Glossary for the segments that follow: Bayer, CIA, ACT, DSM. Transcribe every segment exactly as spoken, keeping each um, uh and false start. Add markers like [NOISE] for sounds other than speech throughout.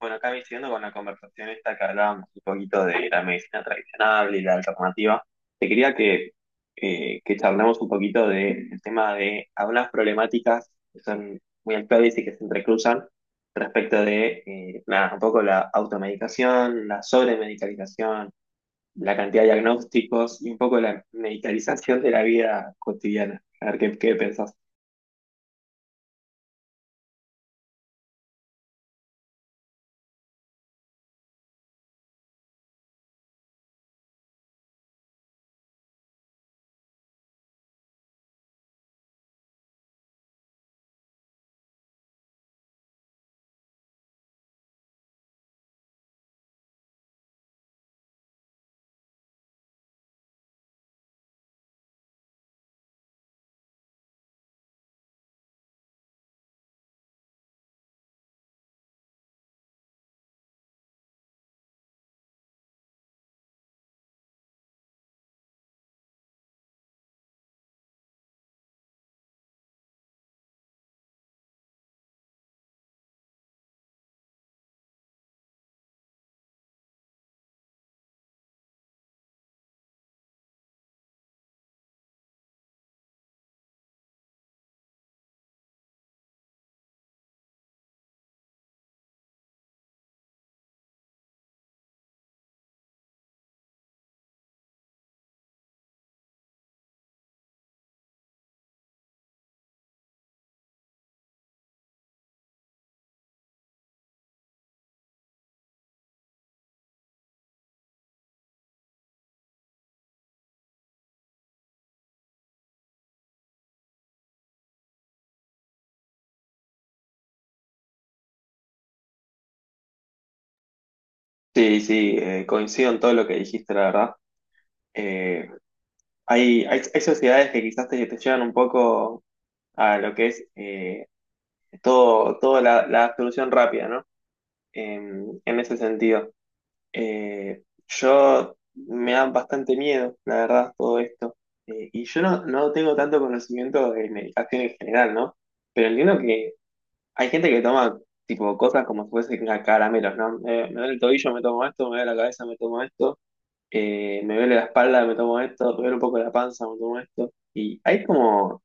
Bueno, acá me siguiendo con la conversación esta que hablábamos un poquito de la medicina tradicional y la alternativa, te quería que, eh, que charlemos un poquito de- del tema de algunas problemáticas que son muy actuales y que se entrecruzan respecto de eh, nada, un poco la automedicación, la sobremedicalización, la cantidad de diagnósticos y un poco la medicalización de la vida cotidiana. A ver qué, qué pensás. Sí, sí, eh, coincido en todo lo que dijiste, la verdad. Eh, Hay, hay, hay sociedades que quizás te, te llevan un poco a lo que es eh, todo, toda la, la solución rápida, ¿no? En, en ese sentido. Eh, yo me da bastante miedo, la verdad, todo esto. Eh, y yo no, no tengo tanto conocimiento de medicación en general, ¿no? Pero entiendo que hay gente que toma tipo cosas como si fuesen ca- caramelos, ¿no? Eh, me duele el tobillo, me tomo esto, me duele la cabeza, me tomo esto eh, me duele la espalda, me tomo esto, me duele un poco la panza, me tomo esto. Y hay como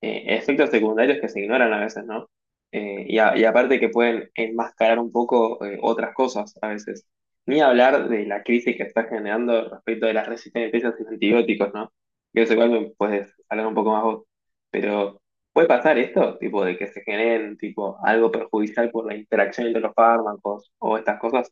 eh, efectos secundarios que se ignoran a veces, ¿no? Eh, y, a- y aparte que pueden enmascarar un poco eh, otras cosas a veces. Ni hablar de la crisis que está generando respecto de las resistencias a los antibióticos, ¿no? Que eso igual me puedes hablar un poco más vos. Pero puede pasar esto, tipo, de que se generen tipo algo perjudicial por la interacción entre los fármacos o estas cosas.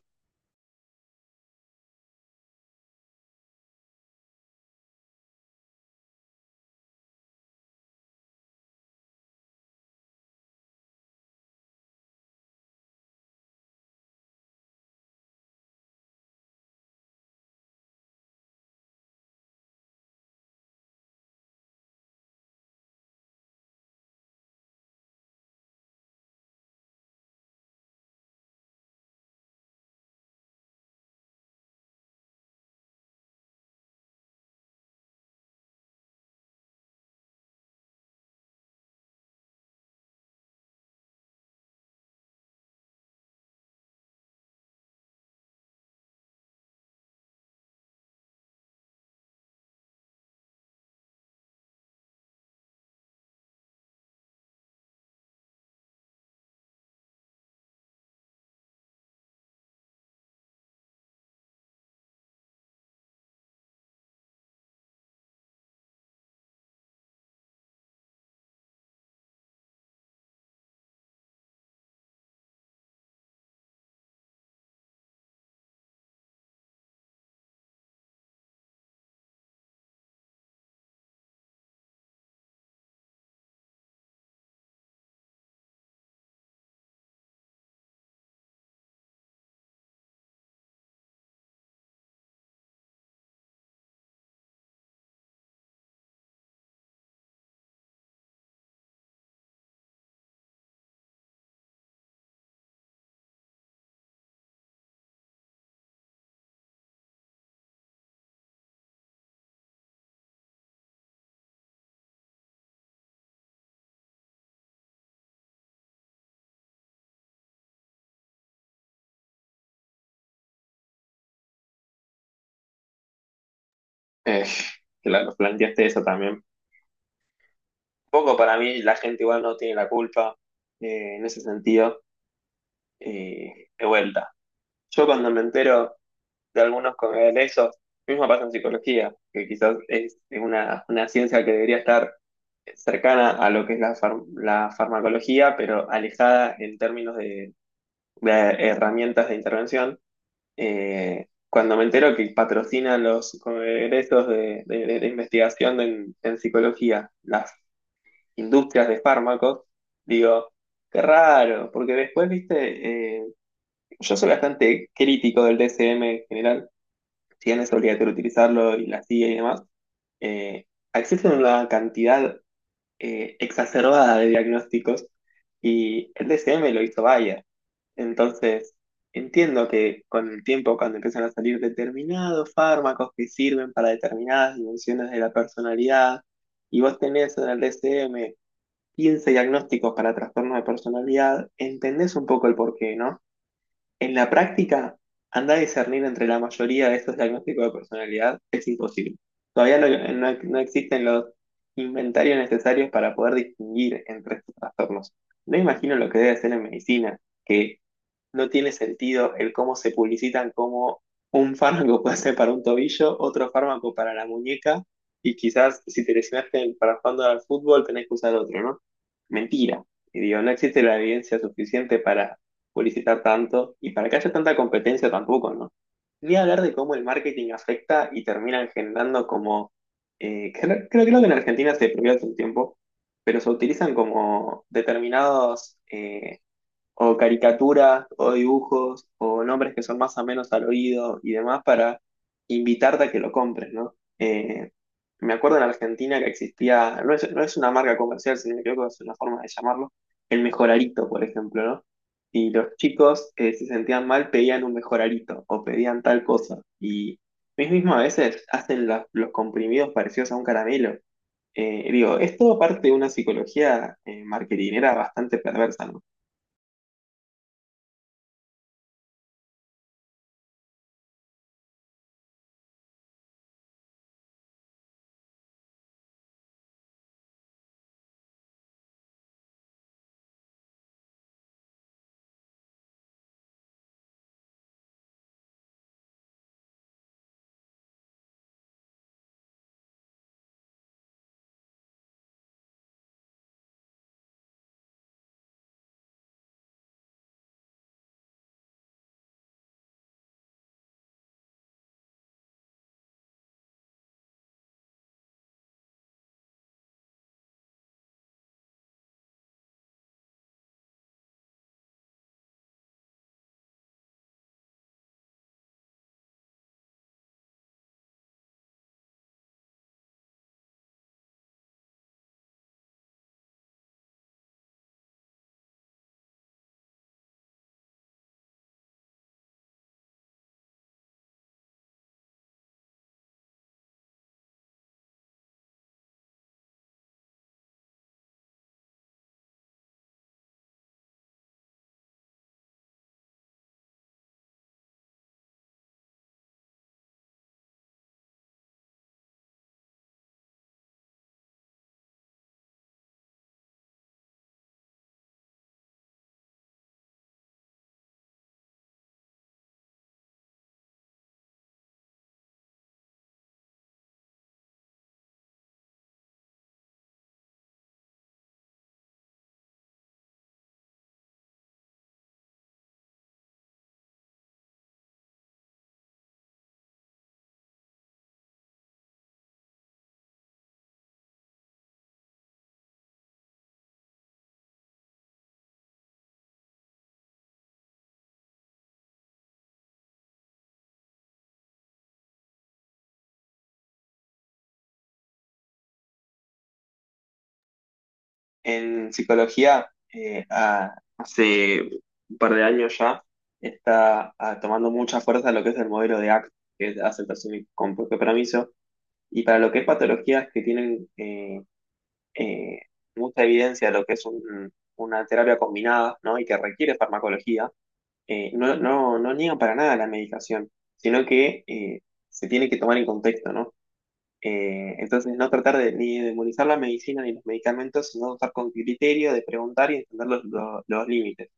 Eh, [LAUGHS] claro, planteaste eso también. Poco para mí la gente igual no tiene la culpa eh, en ese sentido. Eh, de vuelta. Yo cuando me entero de algunos de eso, mismo pasa en psicología, que quizás es una, una ciencia que debería estar cercana a lo que es la, far- la farmacología, pero alejada en términos de, de herramientas de intervención. Eh, cuando me entero que patrocinan los congresos de, de- de- de investigación en, en psicología, la industrias de fármacos, digo, qué raro, porque después, viste, eh, yo soy bastante crítico del D S M en general, si bien es obligatorio utilizarlo y la C I A y demás, eh, existe una cantidad eh, exacerbada de diagnósticos y el D S M lo hizo Bayer. Entonces, entiendo que con el tiempo, cuando empiezan a salir determinados fármacos que sirven para determinadas dimensiones de la personalidad, y vos tenés en el D S M quince diagnósticos para trastornos de personalidad, entendés un poco el porqué, ¿no? En la práctica, anda a discernir entre la mayoría de estos diagnósticos de personalidad es imposible. Todavía no, no- no existen los inventarios necesarios para poder distinguir entre estos trastornos. No imagino lo que debe ser en medicina, que no tiene sentido el cómo se publicitan como un fármaco [LAUGHS] puede ser para un tobillo, otro fármaco para la muñeca, y quizás si te lesionaste para jugando al fútbol tenés que usar otro, ¿no? Mentira. Y digo, no existe la evidencia suficiente para publicitar tanto y para que haya tanta competencia tampoco, ¿no? Ni hablar de cómo el marketing afecta y terminan generando como, eh, creo, creo- creo que en Argentina se prohibió hace un tiempo, pero se utilizan como determinados... eh, o caricaturas o dibujos o nombres que son más o menos al oído y demás para invitarte a que lo compres, ¿no? Eh, me acuerdo en Argentina que existía, no es, no es una marca comercial, si no me equivoco, es una forma de llamarlo, el mejorarito, por ejemplo, ¿no? Y los chicos eh, se sentían mal, pedían un mejorarito o pedían tal cosa. Y ellos mismos a veces hacen los, los comprimidos parecidos a un caramelo. Eh, digo, es todo parte de una psicología eh, marketinera bastante perversa, ¿no? En psicología, eh, ah, hace un par de años ya, está ah, tomando mucha fuerza lo que es el modelo de A C T, que es aceptación y con propio permiso, y para lo que es patologías que tienen eh, eh, mucha evidencia de lo que es un- una terapia combinada, ¿no? Y que requiere farmacología, eh, no, no, no niegan para nada la medicación, sino que eh, se tiene que tomar en contexto, ¿no? Eh, entonces, no tratar de, ni de demonizar la medicina ni los medicamentos, sino usar con criterio, de preguntar y entender los, los- los límites.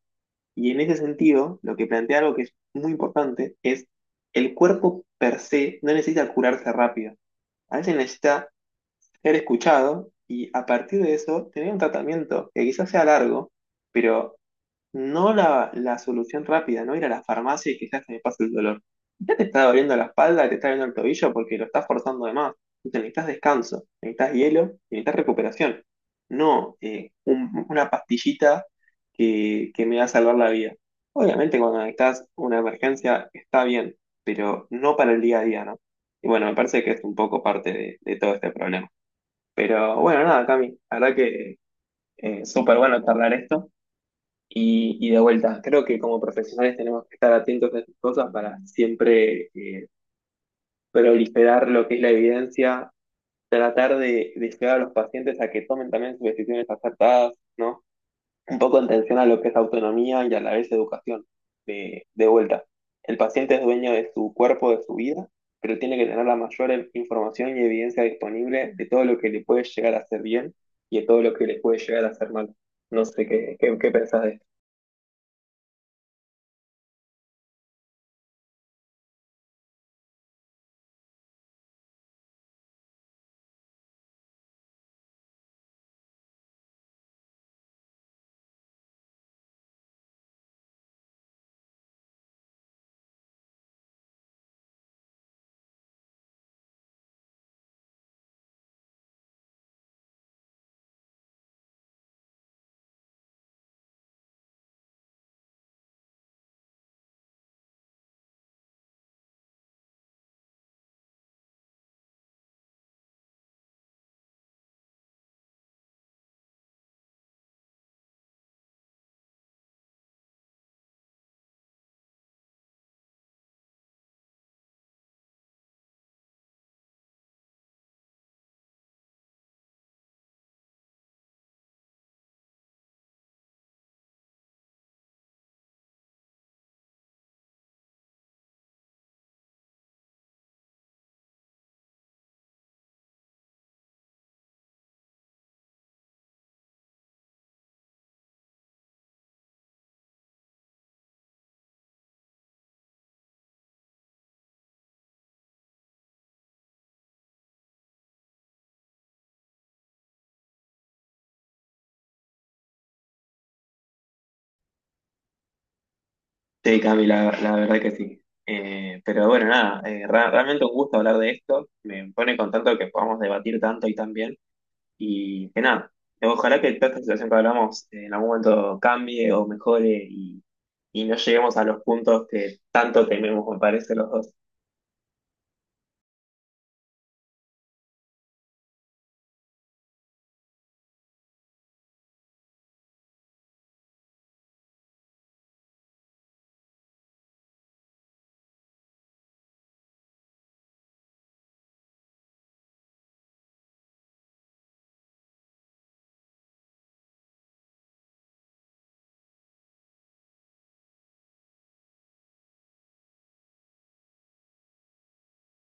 Y en ese sentido, lo que plantea algo que es muy importante es el cuerpo per se no necesita curarse rápido. A veces necesita ser escuchado y a partir de eso tener un tratamiento que quizás sea largo, pero no la, la solución rápida, no ir a la farmacia y quizás se me pase el dolor. Ya te está doliendo la espalda, te está doliendo el tobillo porque lo estás forzando de más. Entonces necesitas descanso, necesitas hielo, necesitas recuperación. No eh, un- una pastillita que, que me va a salvar la vida. Obviamente cuando necesitas una emergencia está bien, pero no para el día a día, ¿no? Y bueno, me parece que es un poco parte de, de todo este problema. Pero bueno, nada, Cami, la verdad que eh, súper bueno charlar esto. Y, y de vuelta, creo que como profesionales tenemos que estar atentos a esas cosas para siempre eh, proliferar lo que es la evidencia, tratar de, de llevar a los pacientes a que tomen también sus decisiones acertadas, ¿no? Un poco en tensión a lo que es autonomía y a la vez educación. De, de vuelta, el paciente es dueño de su cuerpo, de su vida, pero tiene que tener la mayor em, información y evidencia disponible de todo lo que le puede llegar a hacer bien y de todo lo que le puede llegar a hacer mal. No sé qué, qué, qué pensás de Sí, Cami, la, la verdad que sí. Eh, pero bueno, nada, eh, ra- realmente un gusto hablar de esto. Me pone contento que podamos debatir tanto y tan bien. Y que nada, ojalá que toda esta situación que hablamos eh, en algún momento cambie o mejore y, y no lleguemos a los puntos que tanto tememos, me parece, los dos.